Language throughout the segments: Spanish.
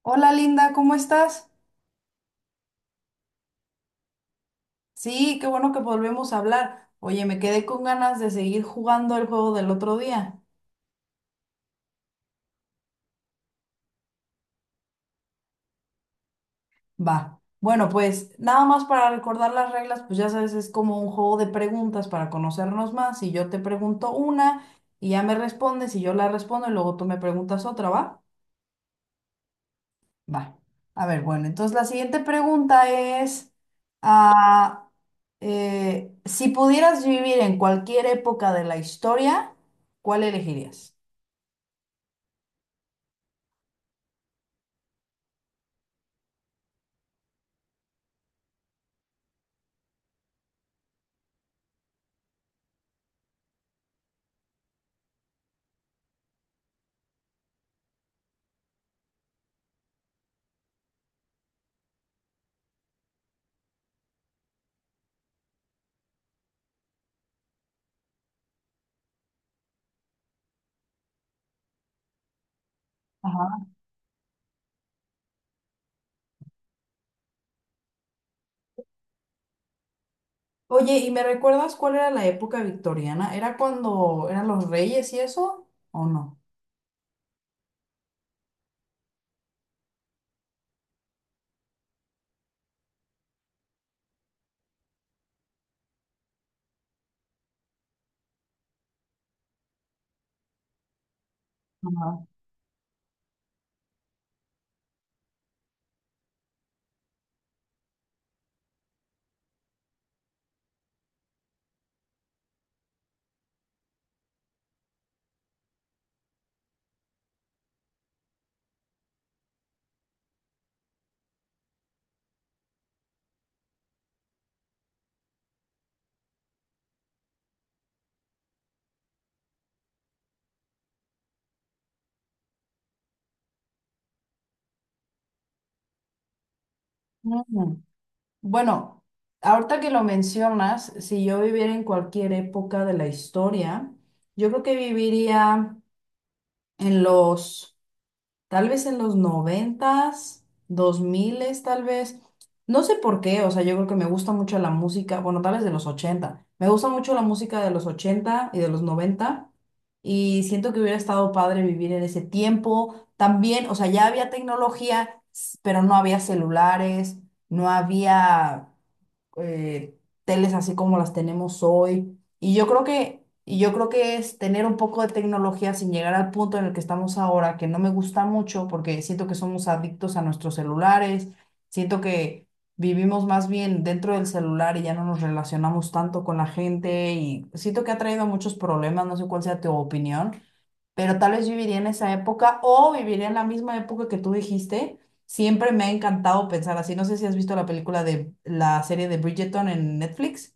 Hola Linda, ¿cómo estás? Sí, qué bueno que volvemos a hablar. Oye, me quedé con ganas de seguir jugando el juego del otro día. Va. Bueno, pues nada más para recordar las reglas, pues ya sabes, es como un juego de preguntas para conocernos más. Y yo te pregunto una y ya me respondes y yo la respondo y luego tú me preguntas otra, ¿va? Va. A ver, bueno, entonces la siguiente pregunta es, ah, si pudieras vivir en cualquier época de la historia, ¿cuál elegirías? Ajá. Oye, ¿y me recuerdas cuál era la época victoriana? ¿Era cuando eran los reyes y eso? ¿O no? Ajá. Mm. Bueno, ahorita que lo mencionas, si yo viviera en cualquier época de la historia, yo creo que viviría en los tal vez en los noventas, dos miles, tal vez. No sé por qué, o sea, yo creo que me gusta mucho la música, bueno, tal vez de los ochenta. Me gusta mucho la música de los ochenta y de los noventa. Y siento que hubiera estado padre vivir en ese tiempo. También, o sea, ya había tecnología, pero no había celulares, no había eh, teles así como las tenemos hoy. Y yo creo que es tener un poco de tecnología sin llegar al punto en el que estamos ahora, que no me gusta mucho porque siento que somos adictos a nuestros celulares, siento que vivimos más bien dentro del celular y ya no nos relacionamos tanto con la gente y siento que ha traído muchos problemas. No sé cuál sea tu opinión, pero tal vez viviría en esa época o viviría en la misma época que tú dijiste. Siempre me ha encantado pensar así. No sé si has visto la película de la serie de Bridgerton en Netflix.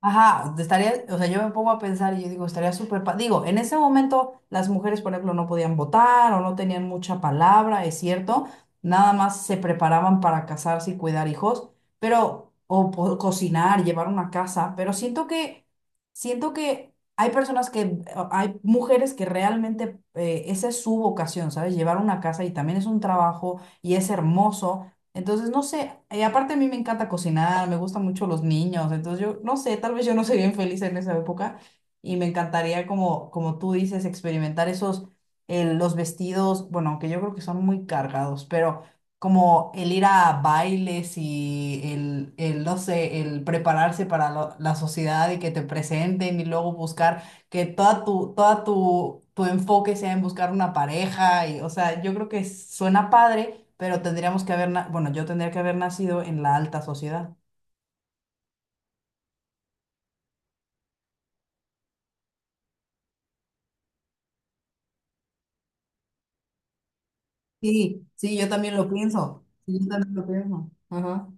Ajá, estaría, o sea, yo me pongo a pensar y yo digo, estaría súper, digo, en ese momento las mujeres, por ejemplo, no podían votar o no tenían mucha palabra, es cierto, nada más se preparaban para casarse y cuidar hijos, pero, cocinar, llevar una casa, pero siento que hay personas que, hay mujeres que realmente, esa es su vocación, ¿sabes? Llevar una casa y también es un trabajo y es hermoso. Entonces, no sé, y aparte a mí me encanta cocinar, me gustan mucho los niños, entonces yo no sé, tal vez yo no soy bien feliz en esa época y me encantaría, como tú dices, experimentar esos, los vestidos, bueno, aunque yo creo que son muy cargados, pero como el ir a bailes y no sé, el prepararse para la sociedad y que te presenten y luego buscar que tu enfoque sea en buscar una pareja y, o sea, yo creo que suena padre, pero tendríamos que haber, bueno, yo tendría que haber nacido en la alta sociedad. Sí, sí, yo también lo pienso. Sí, yo también lo pienso. Ajá.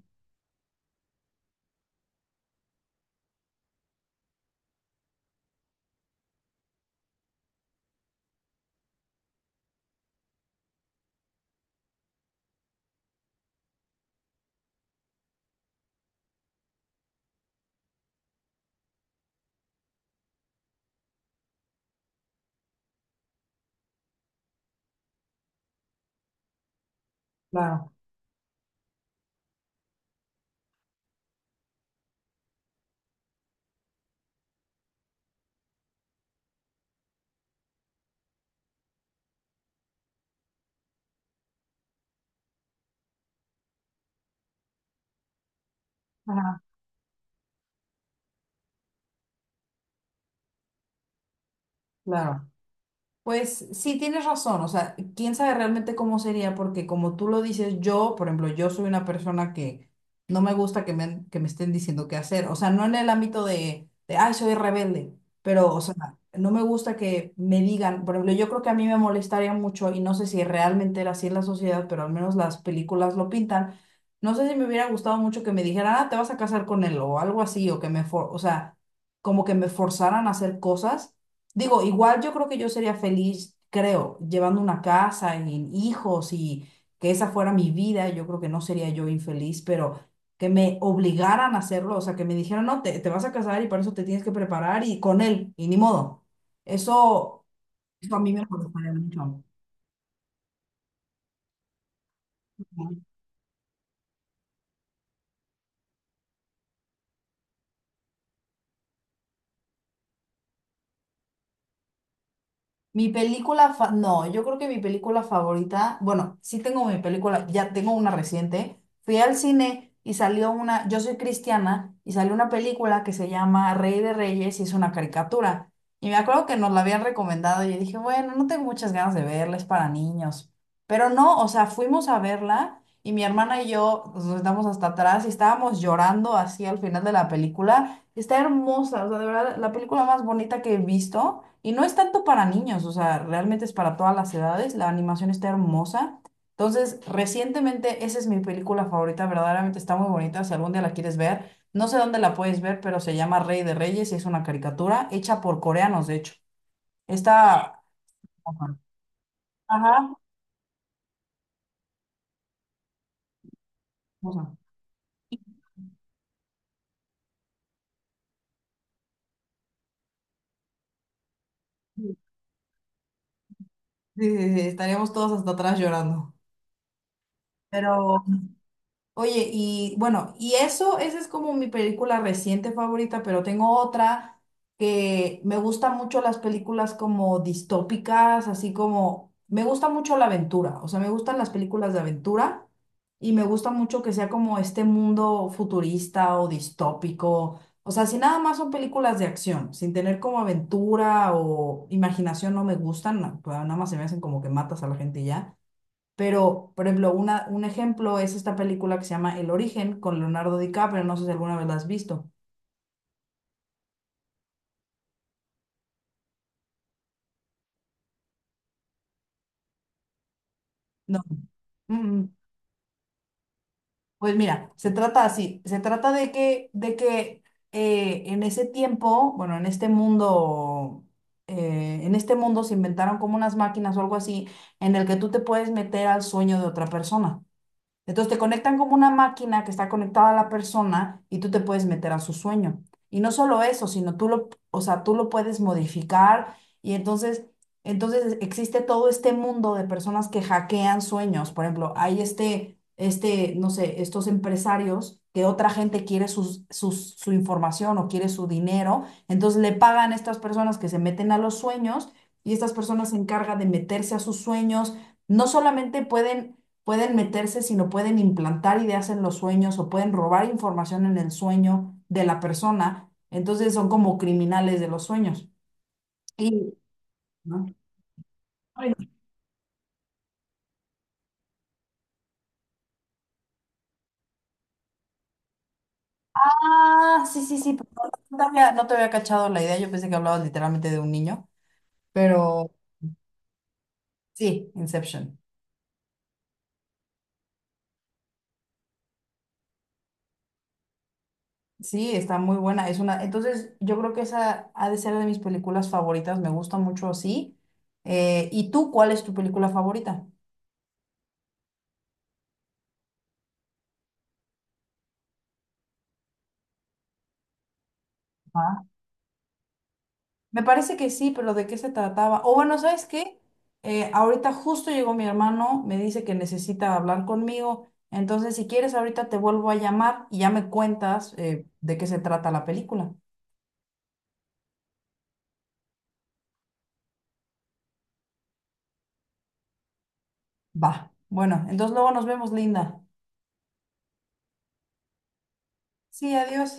Claro. Ajá. Claro. Pues sí, tienes razón, o sea, quién sabe realmente cómo sería, porque como tú lo dices, yo, por ejemplo, yo soy una persona que no me gusta que me, estén diciendo qué hacer. O sea, no en el ámbito de, ay, soy rebelde, pero, o sea, no me gusta que me digan. Por ejemplo, yo creo que a mí me molestaría mucho, y no sé si realmente era así en la sociedad, pero al menos las películas lo pintan. No sé si me hubiera gustado mucho que me dijeran, ah, te vas a casar con él, o algo así, o que me, o sea, como que me forzaran a hacer cosas. Digo, igual yo creo que yo sería feliz, creo, llevando una casa y hijos y que esa fuera mi vida. Yo creo que no sería yo infeliz, pero que me obligaran a hacerlo, o sea, que me dijeran, no, te vas a casar y para eso te tienes que preparar y con él, y ni modo. Eso, eso a mí me molestaría mucho. Mi película, no, yo creo que mi película favorita, bueno, sí tengo mi película, ya tengo una reciente. Fui al cine y salió una, yo soy cristiana, y salió una película que se llama Rey de Reyes y es una caricatura. Y me acuerdo que nos la habían recomendado y yo dije, bueno, no tengo muchas ganas de verla, es para niños. Pero no, o sea, fuimos a verla y mi hermana y yo nos sentamos hasta atrás y estábamos llorando así al final de la película. Está hermosa, o sea, de verdad, la película más bonita que he visto. Y no es tanto para niños, o sea, realmente es para todas las edades. La animación está hermosa. Entonces, recientemente, esa es mi película favorita, verdaderamente está muy bonita. Si algún día la quieres ver, no sé dónde la puedes ver, pero se llama Rey de Reyes y es una caricatura hecha por coreanos, de hecho. Ah, está. Ajá. Ajá. Sí, sí, sí, estaríamos todos hasta atrás llorando. Pero. Oye, y bueno, y eso, esa es como mi película reciente favorita, pero tengo otra. Que me gusta mucho las películas como distópicas, así como me gusta mucho la aventura, o sea, me gustan las películas de aventura y me gusta mucho que sea como este mundo futurista o distópico. O sea, si nada más son películas de acción, sin tener como aventura o imaginación, no me gustan, nada más se me hacen como que matas a la gente y ya. Pero, por ejemplo, un ejemplo es esta película que se llama El Origen con Leonardo DiCaprio. No sé si alguna vez la has visto. No. Mm, mm. Pues mira, se trata así. Se trata de que en ese tiempo, bueno, en este mundo se inventaron como unas máquinas o algo así, en el que tú te puedes meter al sueño de otra persona. Entonces te conectan como una máquina que está conectada a la persona y tú te puedes meter a su sueño. Y no solo eso, sino tú lo, o sea, tú lo puedes modificar y entonces, entonces existe todo este mundo de personas que hackean sueños. Por ejemplo, hay este, no sé, estos empresarios que otra gente quiere su información o quiere su dinero, entonces le pagan a estas personas que se meten a los sueños y estas personas se encargan de meterse a sus sueños. No solamente pueden meterse, sino pueden implantar ideas en los sueños o pueden robar información en el sueño de la persona. Entonces son como criminales de los sueños. Y, ¿no? Ah, sí, sí, sí, perdón, no te había cachado la idea, yo pensé que hablabas literalmente de un niño, pero sí, Inception. Sí, está muy buena, es una, entonces yo creo que esa ha de ser de mis películas favoritas, me gusta mucho así. ¿Y tú cuál es tu película favorita? Ah. Me parece que sí, pero ¿de qué se trataba? O bueno, ¿sabes qué? Ahorita justo llegó mi hermano, me dice que necesita hablar conmigo, entonces si quieres ahorita te vuelvo a llamar y ya me cuentas, de qué se trata la película. Va, bueno, entonces luego nos vemos, Linda. Sí, adiós.